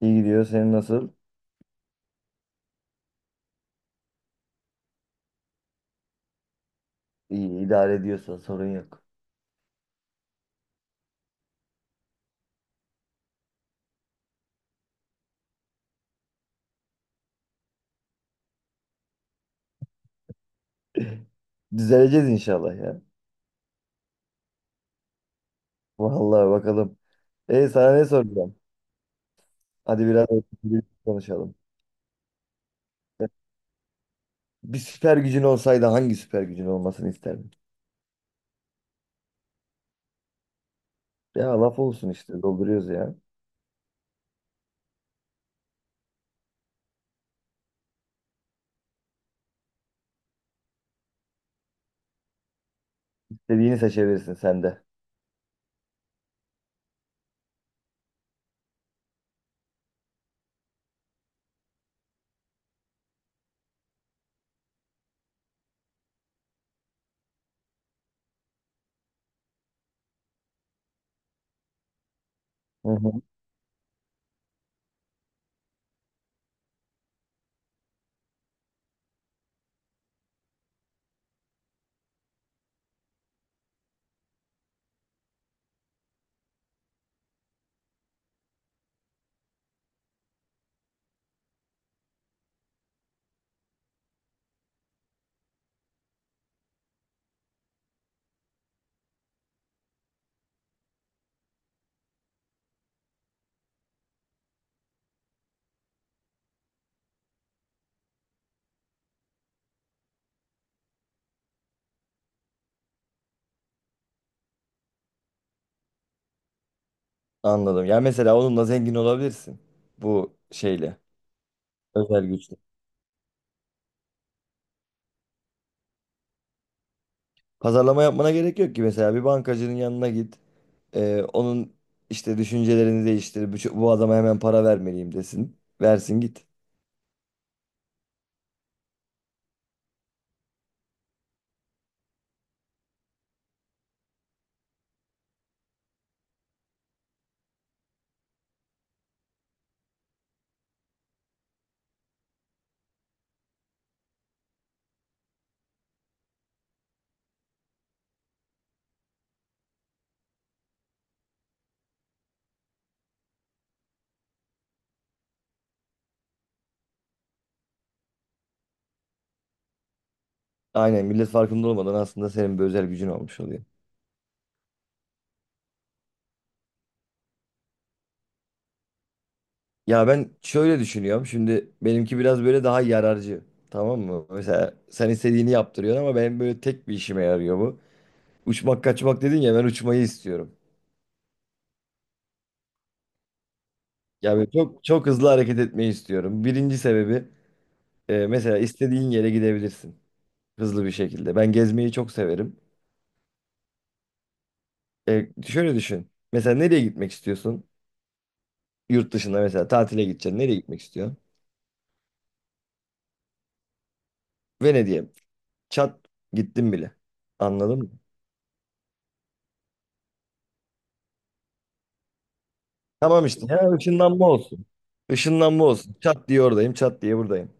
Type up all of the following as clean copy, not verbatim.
İyi gidiyor. Senin nasıl? İyi idare ediyorsa sorun yok. Düzeleceğiz inşallah ya. Vallahi bakalım. Sana ne soracağım? Hadi biraz konuşalım. Bir süper gücün olsaydı hangi süper gücün olmasını isterdin? Ya laf olsun işte dolduruyoruz ya. İstediğini seçebilirsin sen de. Hı hı. Anladım. Ya mesela onunla zengin olabilirsin. Bu şeyle. Özel güç. Pazarlama yapmana gerek yok ki mesela bir bankacının yanına git. Onun işte düşüncelerini değiştir. Bu adama hemen para vermeliyim desin. Versin git. Aynen millet farkında olmadan aslında senin bir özel gücün olmuş oluyor. Ya ben şöyle düşünüyorum. Şimdi benimki biraz böyle daha yararcı. Tamam mı? Mesela sen istediğini yaptırıyorsun ama benim böyle tek bir işime yarıyor bu. Uçmak kaçmak dedin ya ben uçmayı istiyorum. Ya böyle çok çok hızlı hareket etmeyi istiyorum. Birinci sebebi mesela istediğin yere gidebilirsin. Hızlı bir şekilde. Ben gezmeyi çok severim. Şöyle düşün. Mesela nereye gitmek istiyorsun? Yurt dışında mesela tatile gideceksin. Nereye gitmek istiyorsun? Venedik'e. Çat gittim bile. Anladın mı? Tamam işte ya ışınlanma olsun. Işınlanma olsun. Çat diye oradayım, çat diye buradayım.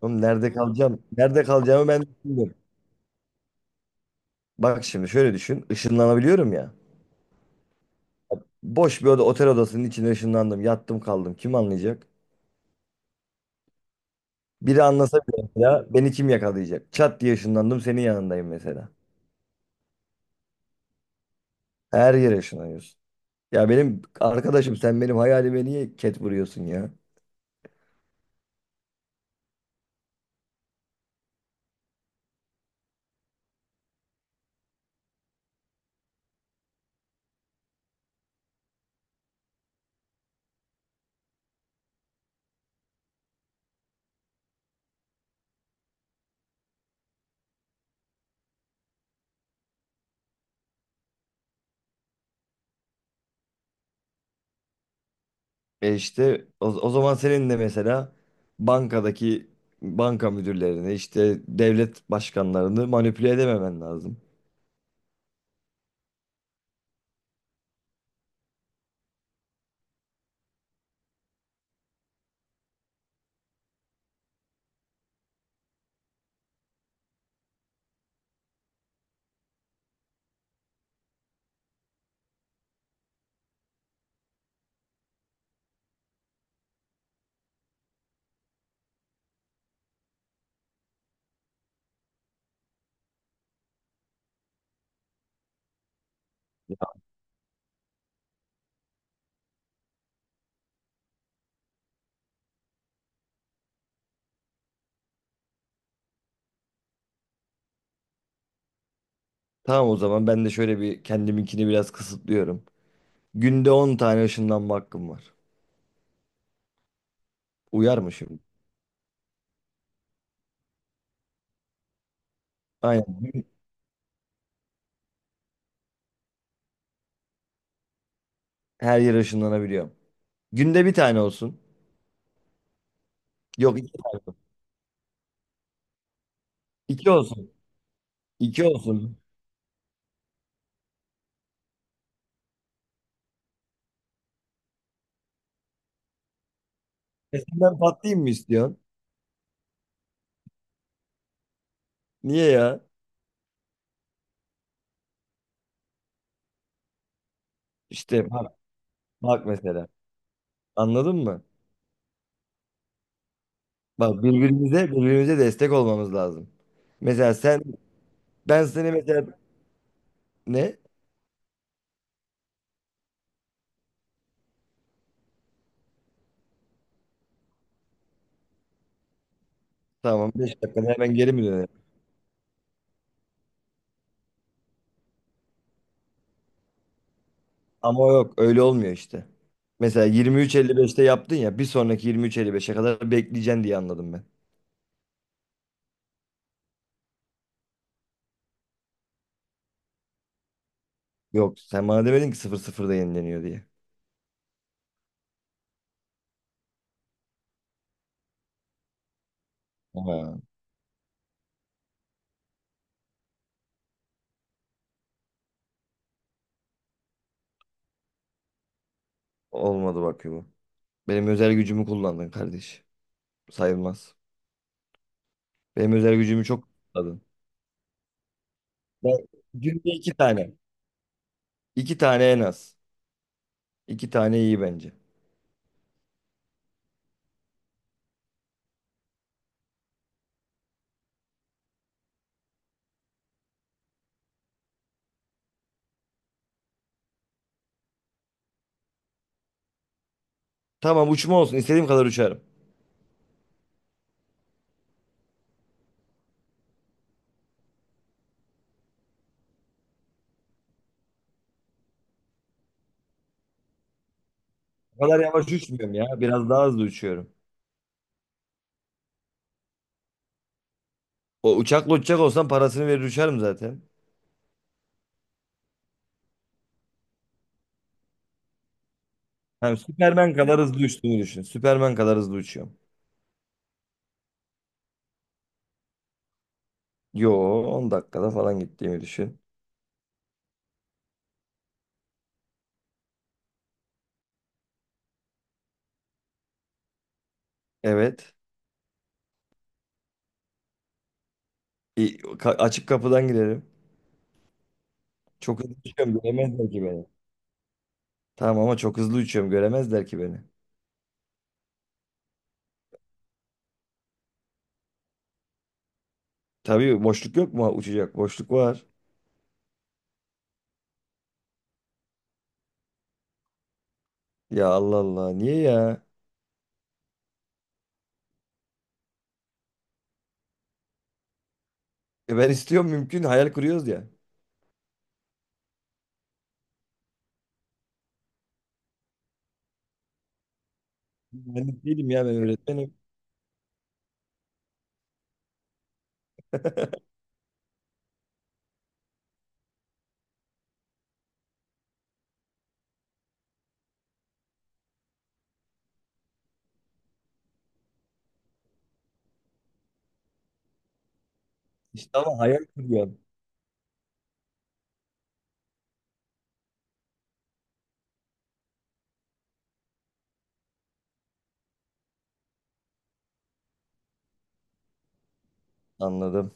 Oğlum nerede kalacağım? Nerede kalacağımı ben düşünüyorum. Bak şimdi şöyle düşün. Işınlanabiliyorum ya. Boş bir oda, otel odasının içine ışınlandım. Yattım kaldım. Kim anlayacak? Biri anlasa bile mesela beni kim yakalayacak? Çat diye ışınlandım senin yanındayım mesela. Her yere şınıyorsun. Ya benim arkadaşım sen benim hayalime niye ket vuruyorsun ya? E işte o zaman senin de mesela bankadaki banka müdürlerini işte devlet başkanlarını manipüle edememen lazım. Tamam o zaman ben de şöyle bir kendiminkini biraz kısıtlıyorum. Günde 10 tane ışınlanma hakkım var. Uyar mı şimdi? Aynen. Her yere ışınlanabiliyorum. Günde bir tane olsun. Yok iki tane. İki olsun. İki olsun. Sesinden patlayayım mı istiyorsun? Niye ya? İşte bak mesela. Anladın mı? Bak birbirimize destek olmamız lazım. Mesela sen ben seni mesela ne? Tamam 5 dakikada hemen geri mi dönerim? Ama yok öyle olmuyor işte. Mesela 23.55'te yaptın ya bir sonraki 23.55'e kadar bekleyeceksin diye anladım ben. Yok sen bana demedin ki 00'da yenileniyor diye. Ha. Olmadı bak bu. Benim özel gücümü kullandın kardeş. Sayılmaz. Benim özel gücümü çok kullandın. Ben günde iki tane. İki tane en az. İki tane iyi bence. Tamam uçma olsun. İstediğim kadar uçarım. O kadar yavaş uçmuyorum ya. Biraz daha hızlı uçuyorum. O uçakla uçacak olsam parasını verir uçarım zaten. Yani Süpermen kadar hızlı uçtuğumu düşün. Süpermen kadar hızlı uçuyorum. Yo, 10 dakikada falan gittiğimi düşün. Evet. Açık kapıdan girerim. Çok hızlı uçuyorum göremezler ki beni. Tamam ama çok hızlı uçuyorum göremezler ki beni. Tabii boşluk yok mu uçacak? Boşluk var. Ya, Allah Allah, niye ya? Ben istiyorum, mümkün, hayal kuruyoruz ya. Ben değilim ya, ben öğretmenim. İşte ama hayal kuruyor. Anladım.